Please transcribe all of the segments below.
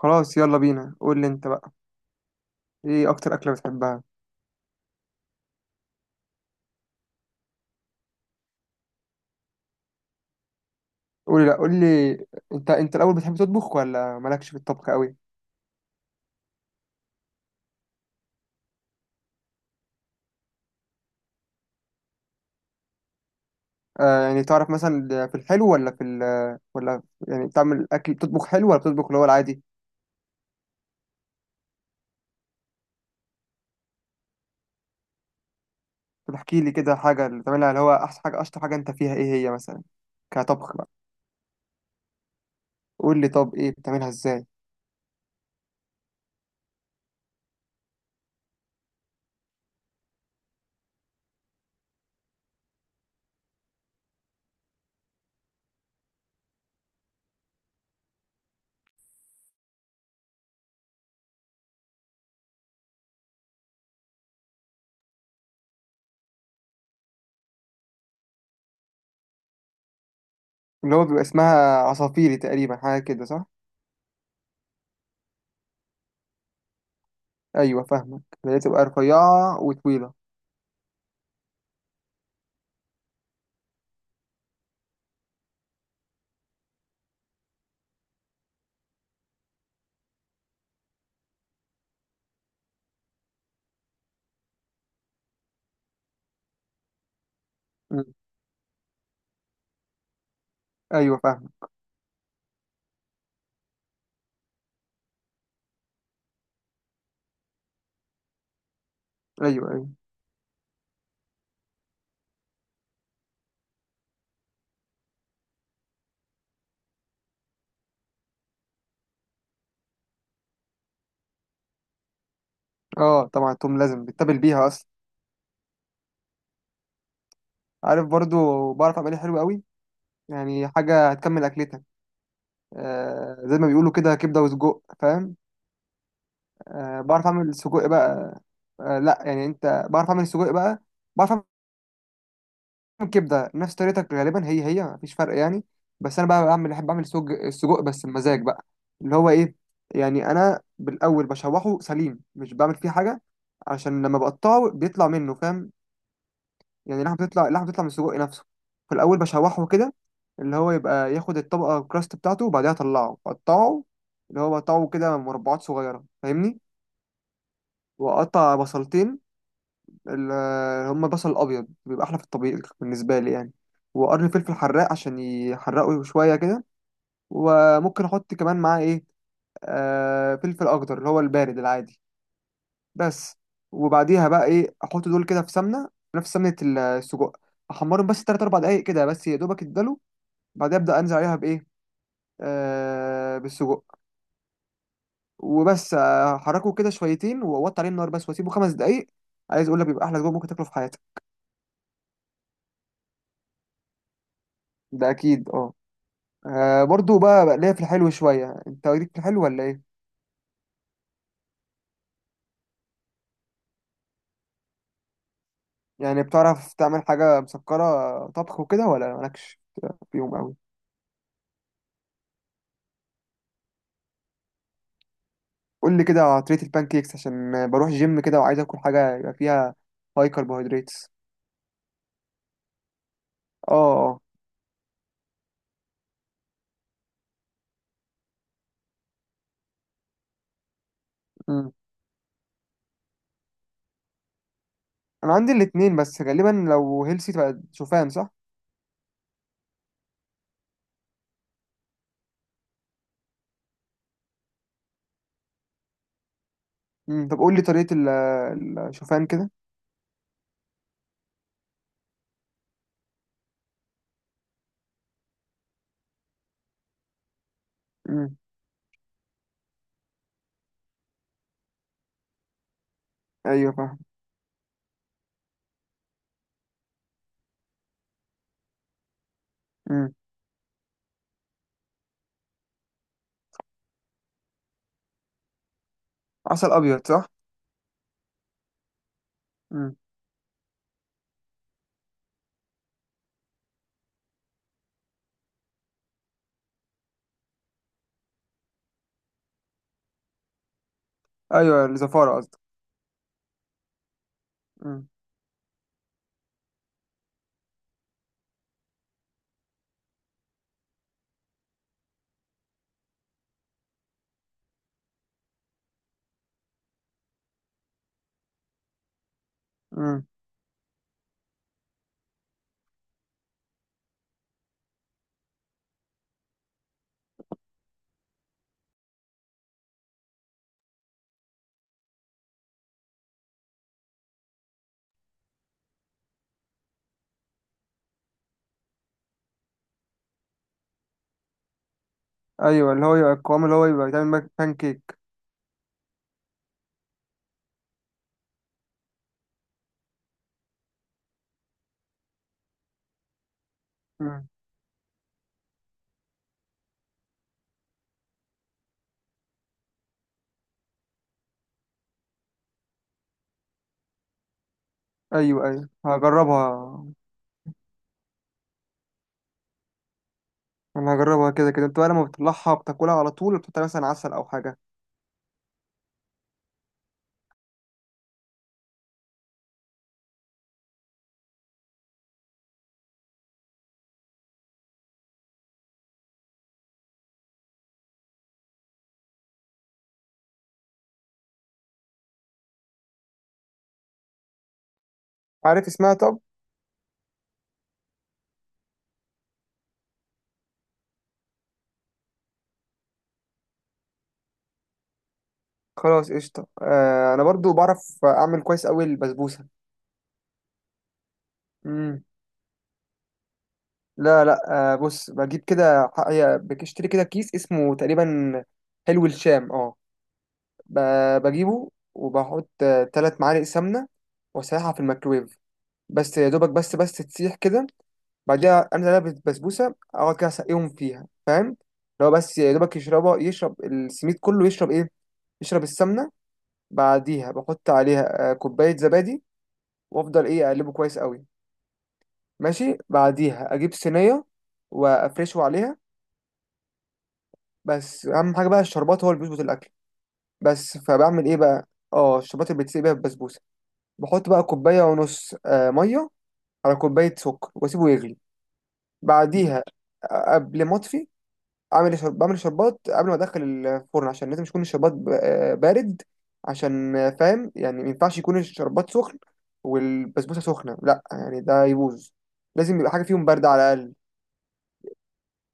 خلاص، يلا بينا. قول لي انت بقى، ايه اكتر اكله بتحبها؟ قول لي، لا قول لي. انت الاول، بتحب تطبخ ولا مالكش في الطبخ قوي؟ آه، يعني تعرف مثلا في الحلو ولا في ال ولا يعني بتعمل اكل، بتطبخ حلو ولا بتطبخ اللي هو العادي؟ طب احكي لي كده حاجه اللي بتعملها، اللي هو احسن حاجه، اشطر حاجه انت فيها ايه هي مثلا، كطبخ بقى؟ قول لي، طب ايه بتعملها ازاي؟ اللي هو بيبقى اسمها عصافيري تقريبا، حاجه كده، صح؟ ايوه فاهمك، اللي هي تبقى رفيعه وطويله. مم. ايوه فاهمك. ايوه، ايوه. اه طبعا التوم لازم بتتبل بيها اصلا. عارف، برضو بعرف اعملها حلو قوي. يعني حاجه هتكمل اكلتك. آه زي ما بيقولوا كده، كبده وسجق، فاهم. آه بعرف اعمل سجق بقى. آه لا يعني انت، بعرف اعمل سجق بقى، بعرف اعمل كبده نفس طريقتك غالبا، هي هي مفيش فرق يعني. بس انا بقى بعمل، احب اعمل السجق بس بمزاج بقى. اللي هو ايه، يعني انا بالاول بشوحه سليم، مش بعمل فيه حاجه، عشان لما بقطعه بيطلع منه، فاهم. يعني اللحمة بتطلع، اللحمة بتطلع من السجق نفسه. في الأول بشوحه كده، اللي هو يبقى ياخد الطبقة الكراست بتاعته، وبعدها أطلعه أقطعه، اللي هو بقطعه كده مربعات صغيرة، فاهمني. وأقطع بصلتين، اللي هما بصل الأبيض، بيبقى أحلى في الطبيخ بالنسبة لي يعني. وقرن فلفل حراق عشان يحرقه شوية كده. وممكن أحط كمان معاه إيه، آه فلفل أخضر اللي هو البارد العادي. بس. وبعديها بقى إيه، أحط دول كده في سمنة، نفس سمنة السجق. أحمرهم بس 3 4 دقايق كده، بس يا دوبك يتدلوا. بعدها ابدا انزل عليها بايه، آه بالسجق. وبس احركه كده شويتين، واوطي عليه النار، بس واسيبه 5 دقايق. عايز اقول لك بيبقى احلى سجق ممكن تاكله في حياتك. ده اكيد اه. برضو بقى ليا في الحلو شويه. انت ليك في الحلو ولا ايه؟ يعني بتعرف تعمل حاجه مسكره طبخ وكده، ولا مالكش فيهم قوي؟ قول لي كده على طريقه البان كيكس، عشان بروح جيم كده وعايز اكل حاجه يبقى فيها هاي كربوهيدرات. اه. اه. مم. انا عندي الاتنين، بس غالبا لو هيلسي تبقى شوفان، صح؟ مم. طب قول لي طريقة الشوفان كده. مم. ايوه فاهم. مم. عسل ابيض، صح؟ مم. ايوه الزفارة قصدك. مم. مم. ايوه، اللي هو يبقى القوام، اللي هو يبقى يتعمل بان كيك. مم. ايوه ايوه، هجربها. انا هجربها كده كده. انت بقى لما بتطلعها بتاكلها على طول، وبتحط مثلا عسل او حاجة؟ عارف اسمها، طب؟ خلاص قشطة. آه انا برضو بعرف اعمل كويس قوي البسبوسة. مم. لا، لا. آه بص، بجيب كده، هي بتشتري كده كيس اسمه تقريبا حلو الشام، اه. بجيبه وبحط 3 معالق سمنة، وأسيحها في الميكرويف، بس يا دوبك، بس تسيح كده. بعديها أنزل عليها بالبسبوسة، أقعد كده أسقيهم فيها، فاهم. لو بس يا دوبك يشربها، يشرب السميد كله، يشرب إيه، يشرب السمنة. بعديها بحط عليها كوباية زبادي. وأفضل إيه أقلبه كويس قوي. ماشي. بعديها أجيب صينية وأفرشه عليها. بس أهم حاجة بقى الشربات، هو اللي بيظبط الأكل. بس فبعمل إيه بقى. اه الشربات اللي بتسيب بيها البسبوسة، بحط بقى كوباية ونص مية، على كوباية سكر، وأسيبه يغلي. بعديها قبل ما أطفي، أعمل بعمل شربات قبل ما أدخل الفرن، عشان لازم يكون الشربات بارد. عشان فاهم، يعني ما ينفعش يكون الشربات سخن والبسبوسة سخنة، لأ يعني ده يبوظ. لازم يبقى حاجة فيهم باردة على الأقل،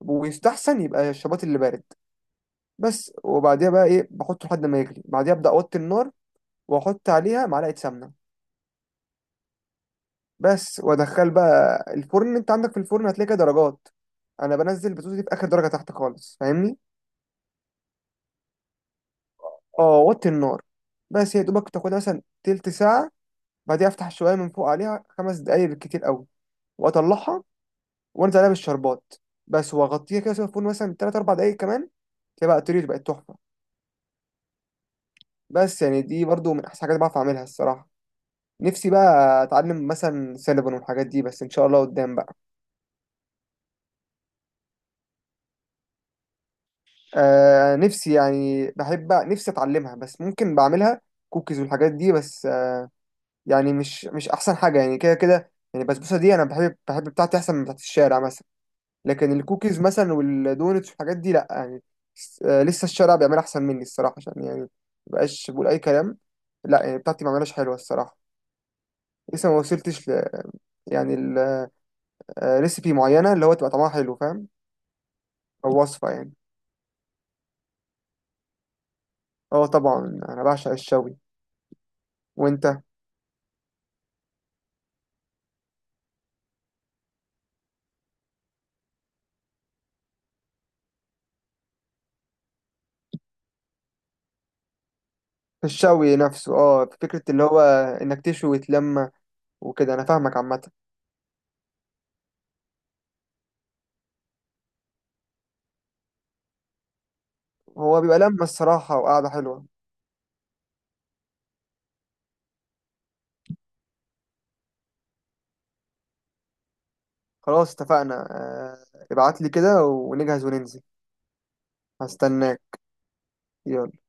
ويستحسن يبقى الشربات اللي بارد. بس وبعديها بقى إيه بحطه لحد ما يغلي. بعديها أبدأ أوطي النار وأحط عليها معلقة سمنة. بس وادخل بقى الفرن. انت عندك في الفرن هتلاقي كده درجات، انا بنزل البطاطس دي في اخر درجه تحت خالص، فاهمني. اه وطي النار، بس يا دوبك تاخدها مثلا تلت ساعه. بعديها افتح شويه من فوق عليها 5 دقايق بالكتير قوي، واطلعها. وانزل عليها بالشربات، بس واغطيها كده واسيبها في الفرن مثلا 3 4 دقايق كمان. تلاقي بقى الطريقة بقت تحفه. بس يعني دي برضو من احسن حاجات بعرف اعملها الصراحه. نفسي بقى اتعلم مثلا سينابون والحاجات دي، بس ان شاء الله قدام بقى. آه نفسي يعني، بحب نفسي اتعلمها، بس ممكن بعملها كوكيز والحاجات دي، بس آه يعني مش احسن حاجه، يعني كده كده. يعني البسبوسه دي انا بحب بتاعتي احسن من بتاعت الشارع مثلا. لكن الكوكيز مثلا والدونتس والحاجات دي لا يعني، آه لسه الشارع بيعملها احسن مني الصراحه. عشان يعني مبقاش بقول اي كلام، لا يعني بتاعتي ما عملهاش حلوه الصراحه. لسه ما وصلتش ل، يعني، ريسيبي معينه اللي هو تبقى طعمها حلو، فاهم. او وصفه يعني. اه طبعا انا بعشق الشوي. وانت. في الشوي نفسه اه، في فكرة اللي هو انك تشوي وتلمى وكده، انا فاهمك عامة. هو بيبقى لمة الصراحة وقعدة حلوة. خلاص اتفقنا، آه ابعت لي كده ونجهز وننزل. هستناك. يلا.